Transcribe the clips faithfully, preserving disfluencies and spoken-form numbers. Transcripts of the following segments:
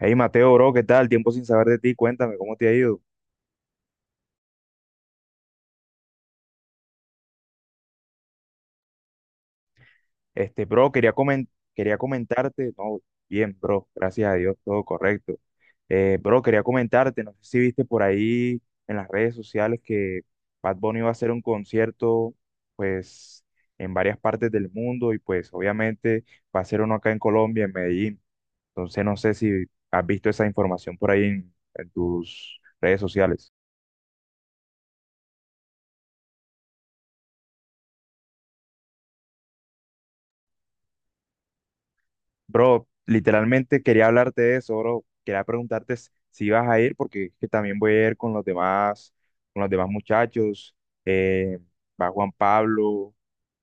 Hey Mateo, bro, ¿qué tal? Tiempo sin saber de ti, cuéntame cómo te ha ido. Este, bro, quería comen- quería comentarte, no, bien, bro, gracias a Dios, todo correcto. Eh, bro, quería comentarte, no sé si viste por ahí en las redes sociales que Bad Bunny va a hacer un concierto, pues, en varias partes del mundo y pues obviamente va a ser uno acá en Colombia, en Medellín. Entonces no sé si has visto esa información por ahí en en tus redes sociales. Bro, literalmente quería hablarte de eso, bro. Quería preguntarte s- si ibas a ir, porque es que también voy a ir con los demás, con los demás muchachos. Eh, va Juan Pablo,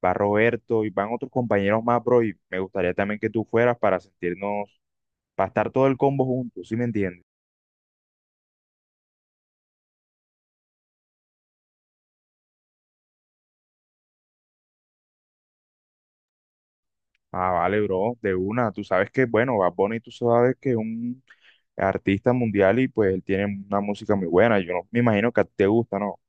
va Roberto y van otros compañeros más, bro. Y me gustaría también que tú fueras para sentirnos, para estar todo el combo juntos, ¿sí me entiendes? Ah, vale, bro, de una. Tú sabes que, bueno, Bad Bunny, tú sabes que es un artista mundial y pues él tiene una música muy buena. Yo no, me imagino que a ti te gusta, ¿no?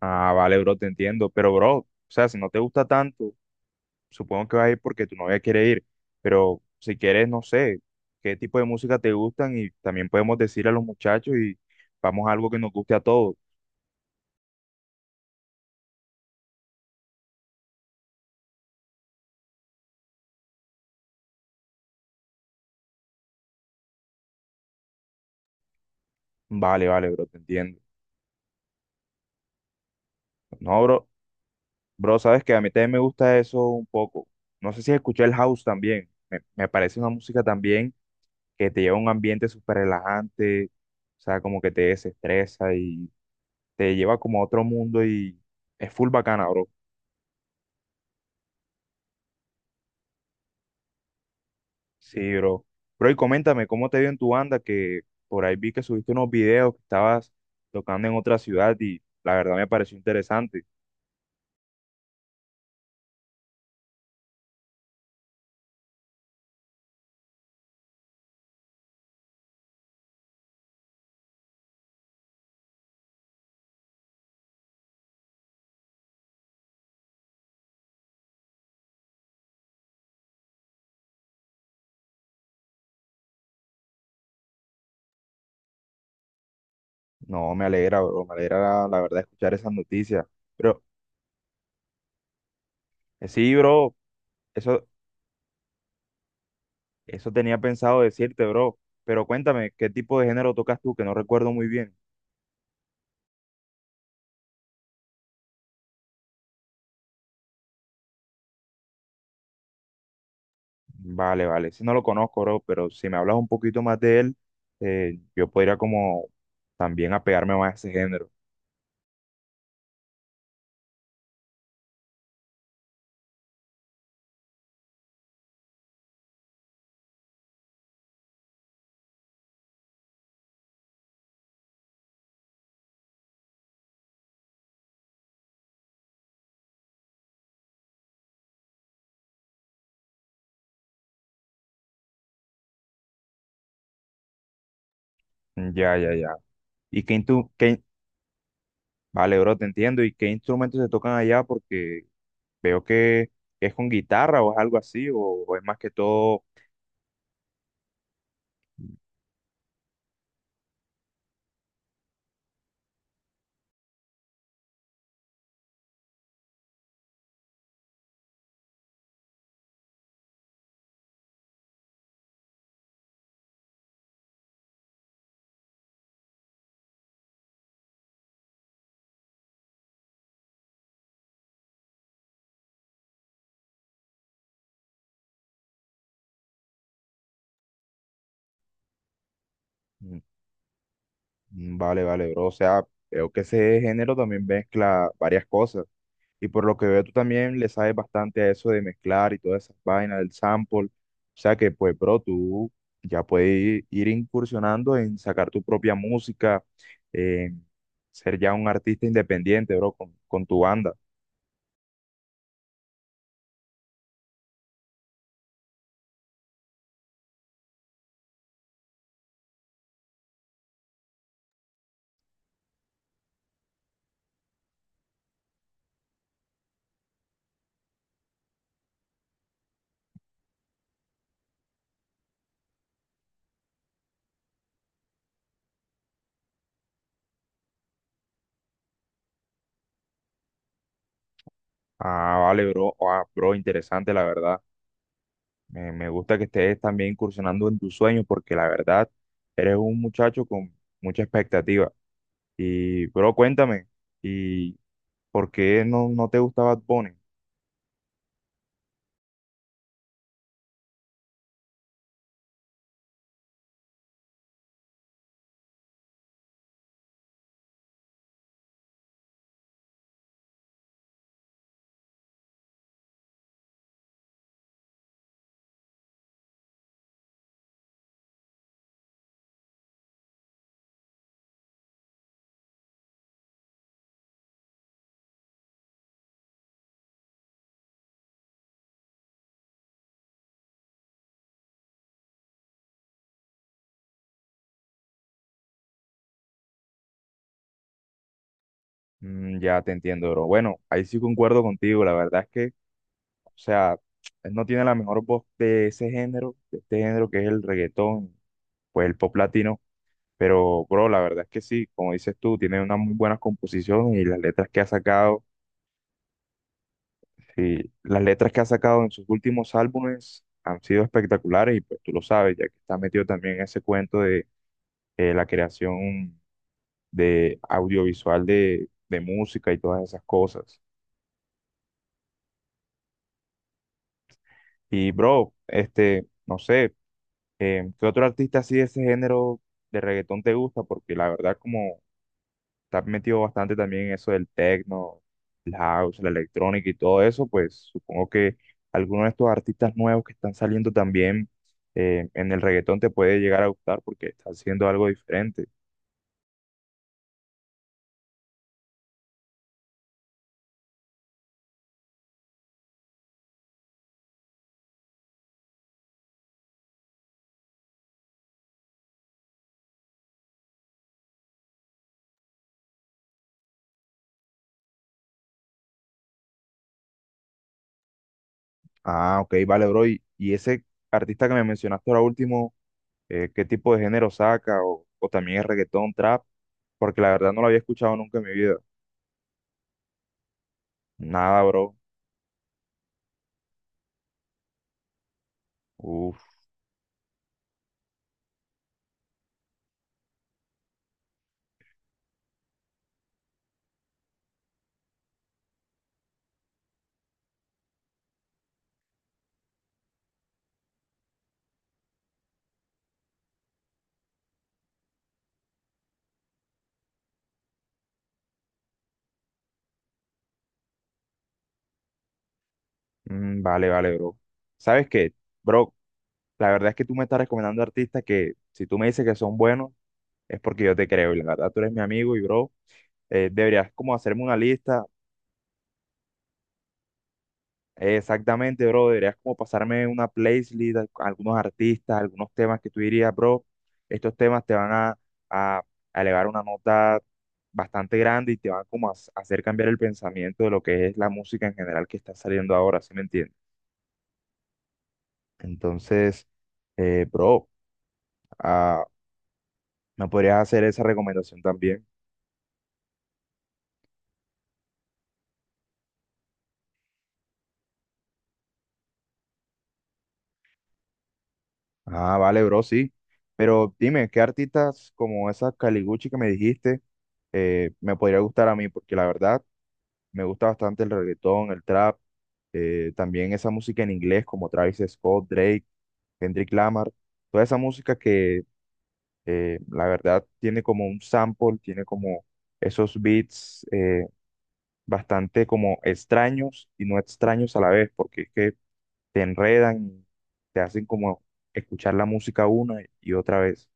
Ah, vale, bro, te entiendo. Pero, bro, o sea, si no te gusta tanto, supongo que vas a ir porque tu novia quiere ir. Pero si quieres, no sé, qué tipo de música te gustan y también podemos decir a los muchachos y vamos a algo que nos guste a todos. Vale, vale, bro, te entiendo. No, bro, bro, sabes que a mí también me gusta eso un poco. No sé si escuché el house también. Me, me parece una música también que te lleva a un ambiente súper relajante, o sea, como que te desestresa y te lleva como a otro mundo y es full bacana, bro. Sí, bro. Bro, y coméntame, ¿cómo te dio en tu banda? Que por ahí vi que subiste unos videos que estabas tocando en otra ciudad y la verdad me pareció interesante. No, me alegra, bro, me alegra la, la verdad escuchar esas noticias. Pero eh, sí, bro, eso, eso tenía pensado decirte, bro. Pero cuéntame, ¿qué tipo de género tocas tú? Que no recuerdo muy bien. Vale, vale, ese no lo conozco, bro, pero si me hablas un poquito más de él, eh, yo podría como también apegarme más a ese género. Ya, ya, ya. ¿Y qué, intu- qué, Vale, bro, te entiendo. ¿Y qué instrumentos se tocan allá? Porque veo que es con guitarra o es algo así, o, o es más que todo. Mm, mm, vale, vale, bro. O sea, veo que ese género también mezcla varias cosas. Y por lo que veo, tú también le sabes bastante a eso de mezclar y todas esas vainas del sample. O sea que, pues, bro, tú ya puedes ir, ir incursionando en sacar tu propia música, en ser ya un artista independiente, bro, con, con tu banda. Ah, vale, bro. Ah, bro, interesante, la verdad. Me, me gusta que estés también incursionando en tus sueños porque la verdad eres un muchacho con mucha expectativa. Y, bro, cuéntame, ¿y por qué no, no te gusta Bad Bunny? Mm, ya te entiendo, bro. Bueno, ahí sí concuerdo contigo. La verdad es que, o sea, él no tiene la mejor voz de ese género, de este género que es el reggaetón, pues el pop latino. Pero, bro, la verdad es que sí, como dices tú, tiene unas muy buenas composiciones y las letras que ha sacado. Sí, las letras que ha sacado en sus últimos álbumes han sido espectaculares y pues tú lo sabes, ya que está metido también en ese cuento de eh, la creación de audiovisual de, de música y todas esas cosas. Y bro, este, no sé, eh, ¿qué otro artista así de ese género de reggaetón te gusta? Porque la verdad como está metido bastante también en eso del techno, el house, la electrónica y todo eso, pues supongo que alguno de estos artistas nuevos que están saliendo también eh, en el reggaetón te puede llegar a gustar porque está haciendo algo diferente. Ah, ok, vale, bro. Y, y ese artista que me mencionaste ahora último, eh, ¿qué tipo de género saca? O, o también es reggaetón, trap, porque la verdad no lo había escuchado nunca en mi vida. Nada, bro. Uf, mm, vale, vale, bro. ¿Sabes qué? Bro, la verdad es que tú me estás recomendando artistas que si tú me dices que son buenos es porque yo te creo y la verdad tú eres mi amigo y bro, eh, deberías como hacerme una lista. Eh, exactamente, bro, deberías como pasarme una playlist, al- algunos artistas, algunos temas que tú dirías, bro, estos temas te van a, a, a elevar una nota bastante grande y te van como a s- hacer cambiar el pensamiento de lo que es la música en general que está saliendo ahora, ¿sí me entiendes? Entonces, eh, bro, ah, ¿me podrías hacer esa recomendación también? Ah, vale, bro, sí. Pero dime, ¿qué artistas como esa Caliguchi que me dijiste eh, me podría gustar a mí? Porque la verdad me gusta bastante el reggaetón, el trap, eh, también esa música en inglés como Travis Scott, Drake, Kendrick Lamar, toda esa música que eh, la verdad tiene como un sample, tiene como esos beats eh, bastante como extraños y no extraños a la vez, porque es que te enredan, te hacen como escuchar la música una y otra vez.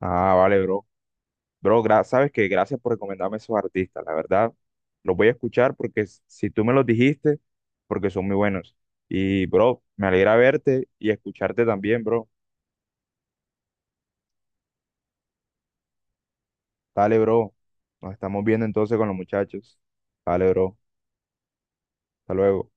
Ah, vale, bro. Bro, gra- sabes que gracias por recomendarme esos artistas. La verdad, los voy a escuchar porque s- si tú me los dijiste, porque son muy buenos. Y, bro, me alegra verte y escucharte también, bro. Dale, bro. Nos estamos viendo entonces con los muchachos. Dale, bro. Hasta luego.